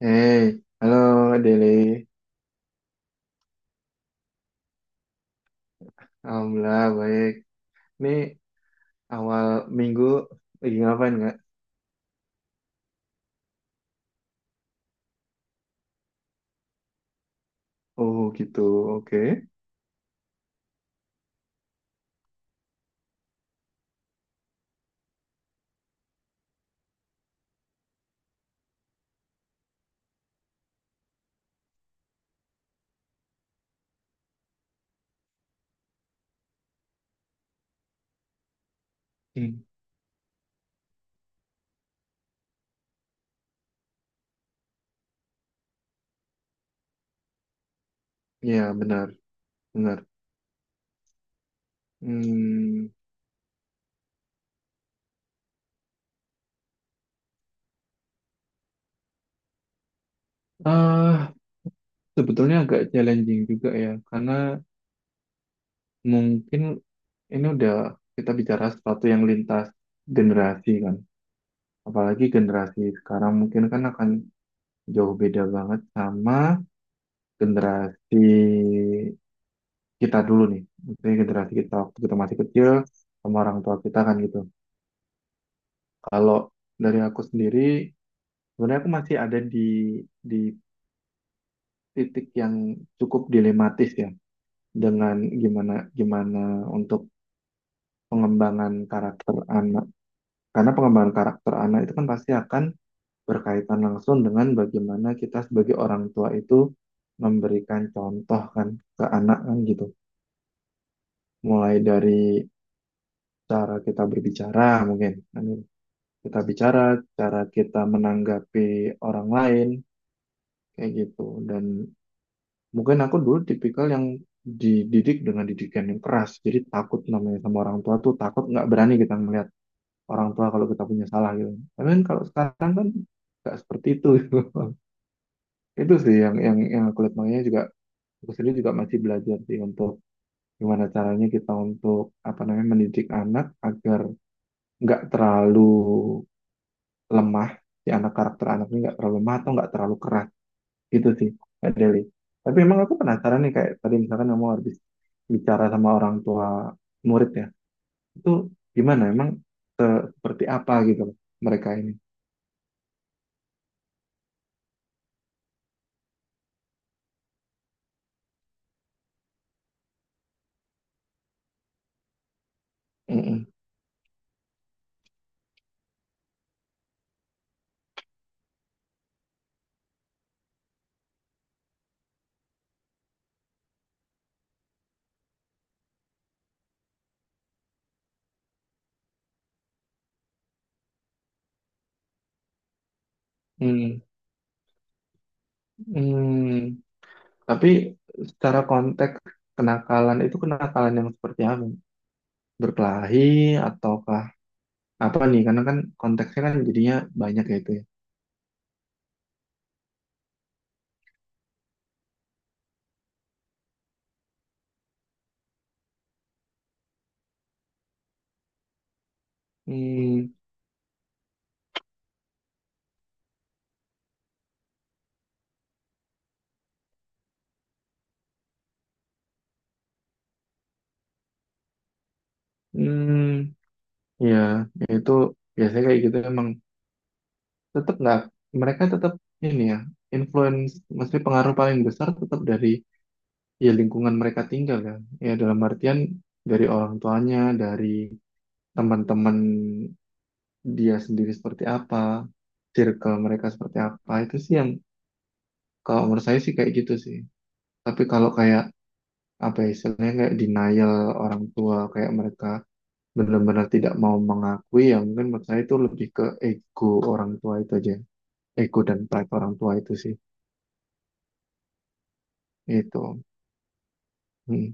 Hey, halo Deli. Alhamdulillah baik. Ini awal minggu lagi ngapain nggak? Oh gitu, oke. Hmm. Ya benar, benar. Hmm, ah Sebetulnya agak challenging juga ya, karena mungkin ini udah kita bicara sesuatu yang lintas generasi kan. Apalagi generasi sekarang mungkin kan akan jauh beda banget sama generasi kita dulu nih, maksudnya generasi kita waktu kita masih kecil sama orang tua kita kan gitu. Kalau dari aku sendiri, sebenarnya aku masih ada di titik yang cukup dilematis ya, dengan gimana gimana untuk pengembangan karakter anak. Karena pengembangan karakter anak itu kan pasti akan berkaitan langsung dengan bagaimana kita sebagai orang tua itu memberikan contoh kan ke anak kan gitu. Mulai dari cara kita berbicara mungkin. Kan gitu. Kita bicara, cara kita menanggapi orang lain, kayak gitu. Dan mungkin aku dulu tipikal yang dididik dengan didikan yang keras. Jadi takut namanya sama orang tua tuh, takut nggak berani kita melihat orang tua kalau kita punya salah gitu. Tapi kan kalau sekarang kan nggak seperti itu, gitu. Itu sih yang aku lihat, makanya juga aku sendiri juga masih belajar sih untuk gimana caranya kita untuk apa namanya mendidik anak agar nggak terlalu lemah, si anak karakter anaknya nggak terlalu lemah atau nggak terlalu keras. Itu sih, Kak Deli. Tapi emang aku penasaran nih, kayak tadi misalkan kamu habis bicara sama orang tua murid ya, itu gimana? Emang seperti apa gitu loh mereka ini? Mm-mm. Mm. Mm. Tapi secara konteks, kenakalan itu kenakalan yang seperti apa? Berkelahi ataukah apa nih? Karena kan konteksnya kan jadinya banyak ya itu ya. Hmm, hmm, Ya itu biasanya kayak gitu emang, tetap nggak, mereka tetap ini ya, influence maksudnya pengaruh paling besar tetap dari ya lingkungan mereka tinggal kan ya, dalam artian dari orang tuanya, dari teman-teman dia sendiri seperti apa, circle mereka seperti apa, itu sih yang kalau menurut saya sih kayak gitu sih. Tapi kalau kayak apa ya, istilahnya kayak denial orang tua, kayak mereka benar-benar tidak mau mengakui, ya mungkin menurut saya itu lebih ke ego orang tua itu aja, ego dan pride orang tua itu sih. Itu. Hmm.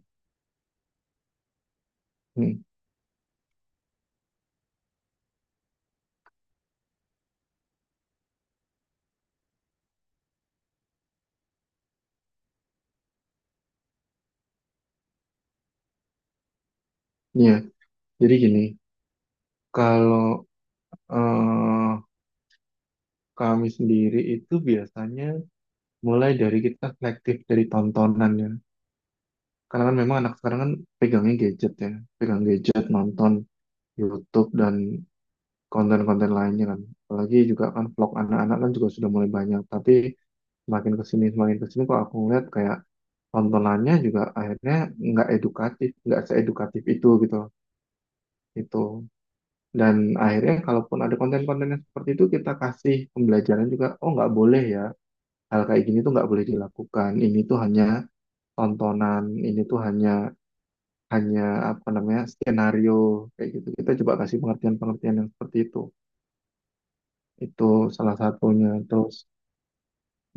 Hmm. Ya, jadi gini, kalau eh, kami sendiri itu biasanya mulai dari kita selektif dari tontonan ya. Karena kan memang anak sekarang kan pegangnya gadget ya, pegang gadget, nonton YouTube dan konten-konten lainnya kan. Apalagi juga kan vlog anak-anak kan juga sudah mulai banyak. Tapi semakin kesini kok aku ngeliat kayak tontonannya juga akhirnya nggak edukatif, nggak seedukatif itu gitu. Itu. Dan akhirnya kalaupun ada konten-konten yang seperti itu kita kasih pembelajaran juga, oh nggak boleh ya, hal kayak gini tuh nggak boleh dilakukan. Ini tuh hanya tontonan, ini tuh hanya hanya apa namanya, skenario kayak gitu. Kita coba kasih pengertian-pengertian yang seperti itu. Itu salah satunya. Terus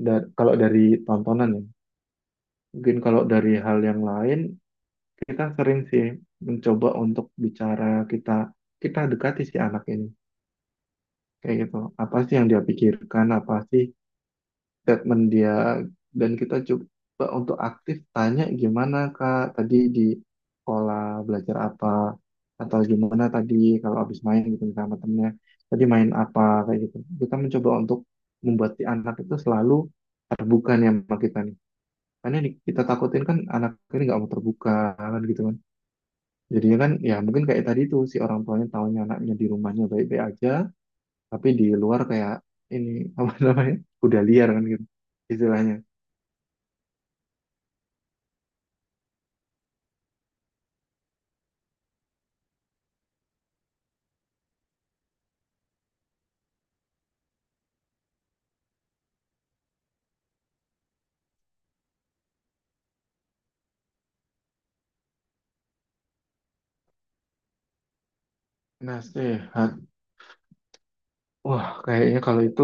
kalau dari tontonan ya, mungkin kalau dari hal yang lain, kita sering sih mencoba untuk bicara, kita kita dekati si anak ini kayak gitu. Apa sih yang dia pikirkan? Apa sih statement dia, dan kita coba untuk aktif tanya, gimana Kak tadi di sekolah belajar apa, atau gimana tadi kalau habis main gitu misalnya sama temennya, tadi main apa kayak gitu. Kita mencoba untuk membuat si anak itu selalu terbuka nih sama kita nih, karena yang kita takutin kan anak ini nggak mau terbuka kan gitu kan, jadinya kan ya mungkin kayak tadi tuh si orang tuanya tahunya anaknya di rumahnya baik-baik aja, tapi di luar kayak ini apa namanya udah liar kan gitu istilahnya. Nasihat. Wah, kayaknya kalau itu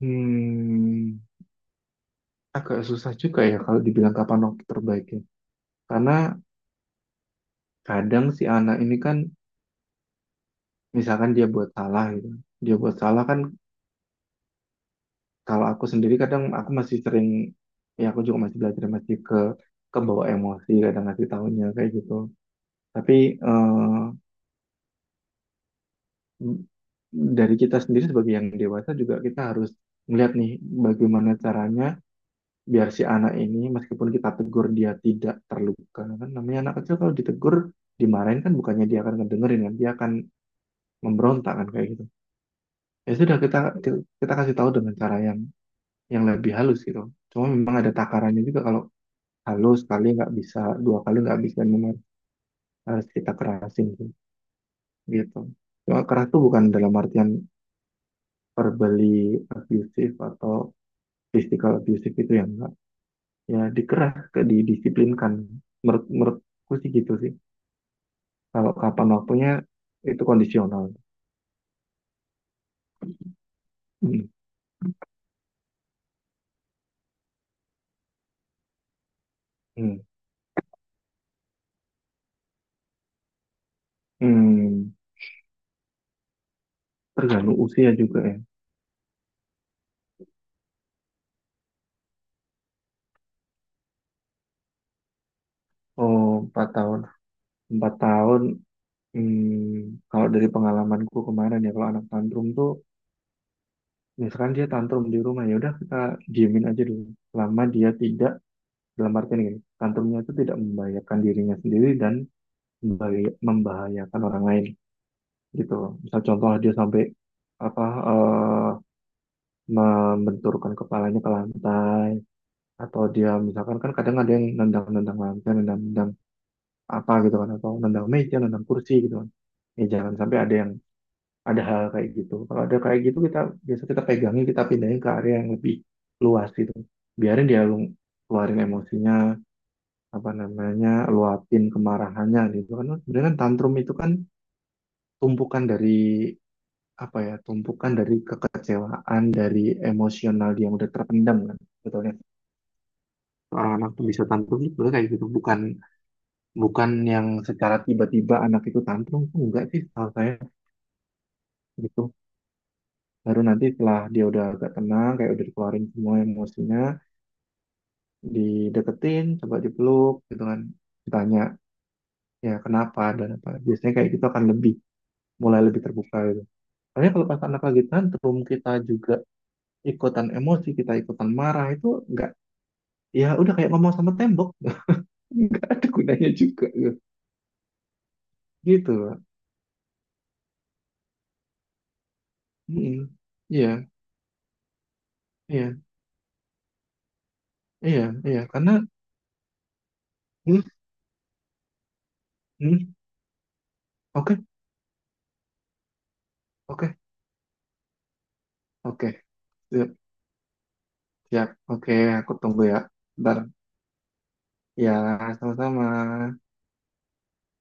hmm, agak susah juga ya kalau dibilang kapan waktu terbaiknya. Karena kadang si anak ini kan, misalkan dia buat salah gitu. Dia buat salah kan, kalau aku sendiri kadang aku masih sering, ya aku juga masih belajar, masih kebawa emosi kadang ngasih tahunya kayak gitu. Tapi eh, dari kita sendiri sebagai yang dewasa juga, kita harus melihat nih bagaimana caranya biar si anak ini meskipun kita tegur dia tidak terluka, kan namanya anak kecil kalau ditegur dimarahin kan bukannya dia akan ngedengerin, kan dia akan memberontak kan kayak gitu. Ya sudah kita kita kasih tahu dengan cara yang lebih halus gitu, cuma memang ada takarannya juga, kalau halus sekali nggak bisa, dua kali nggak bisa, memang harus kita kerasin sih, gitu. Cuma keras tuh bukan dalam artian verbally abusive atau physical abusive, itu yang enggak. Ya dikeras ke didisiplinkan, menurutku sih gitu sih. Kalau kapan waktunya, itu kondisional. Hmm. Hmm. Hmm. Tergantung usia juga ya. Oh, 4 tahun. Empat tahun. Hmm. Kalau dari pengalamanku kemarin ya, kalau anak tantrum tuh, misalkan dia tantrum di rumah, ya udah kita diemin aja dulu. Selama dia tidak, dalam artian gini, tantrumnya itu tidak membahayakan dirinya sendiri dan membahayakan orang lain gitu. Misal contoh dia sampai apa eh membenturkan kepalanya ke lantai, atau dia misalkan kan kadang ada yang nendang-nendang lantai, nendang-nendang apa gitu kan, atau nendang meja, nendang kursi gitu kan. Ya jangan sampai ada yang ada hal kayak gitu. Kalau ada kayak gitu, kita biasa kita pegangin, kita pindahin ke area yang lebih luas gitu. Biarin dia keluarin emosinya, apa namanya, luapin kemarahannya gitu kan. Sebenarnya kan tantrum itu kan tumpukan dari apa ya, tumpukan dari kekecewaan, dari emosional dia yang udah terpendam kan. Betulnya orang anak tuh bisa tantrum itu kayak gitu, bukan bukan yang secara tiba-tiba anak itu tantrum tuh enggak sih kalau saya gitu. Baru nanti setelah dia udah agak tenang, kayak udah dikeluarin semua emosinya, dideketin coba dipeluk gitu kan, ditanya ya kenapa dan apa, biasanya kayak gitu akan lebih mulai lebih terbuka gitu. Tapi kalau pas anak lagi tantrum kita juga ikutan emosi, kita ikutan marah, itu enggak. Ya udah kayak ngomong sama tembok enggak ada gunanya juga gitu. Gitu Pak. Mm-mm. Iya, iya, iya, iya karena hmm, hmm, oke. Oke, oke, siap, siap. Oke, aku tunggu ya. Ntar. Ya, sama-sama.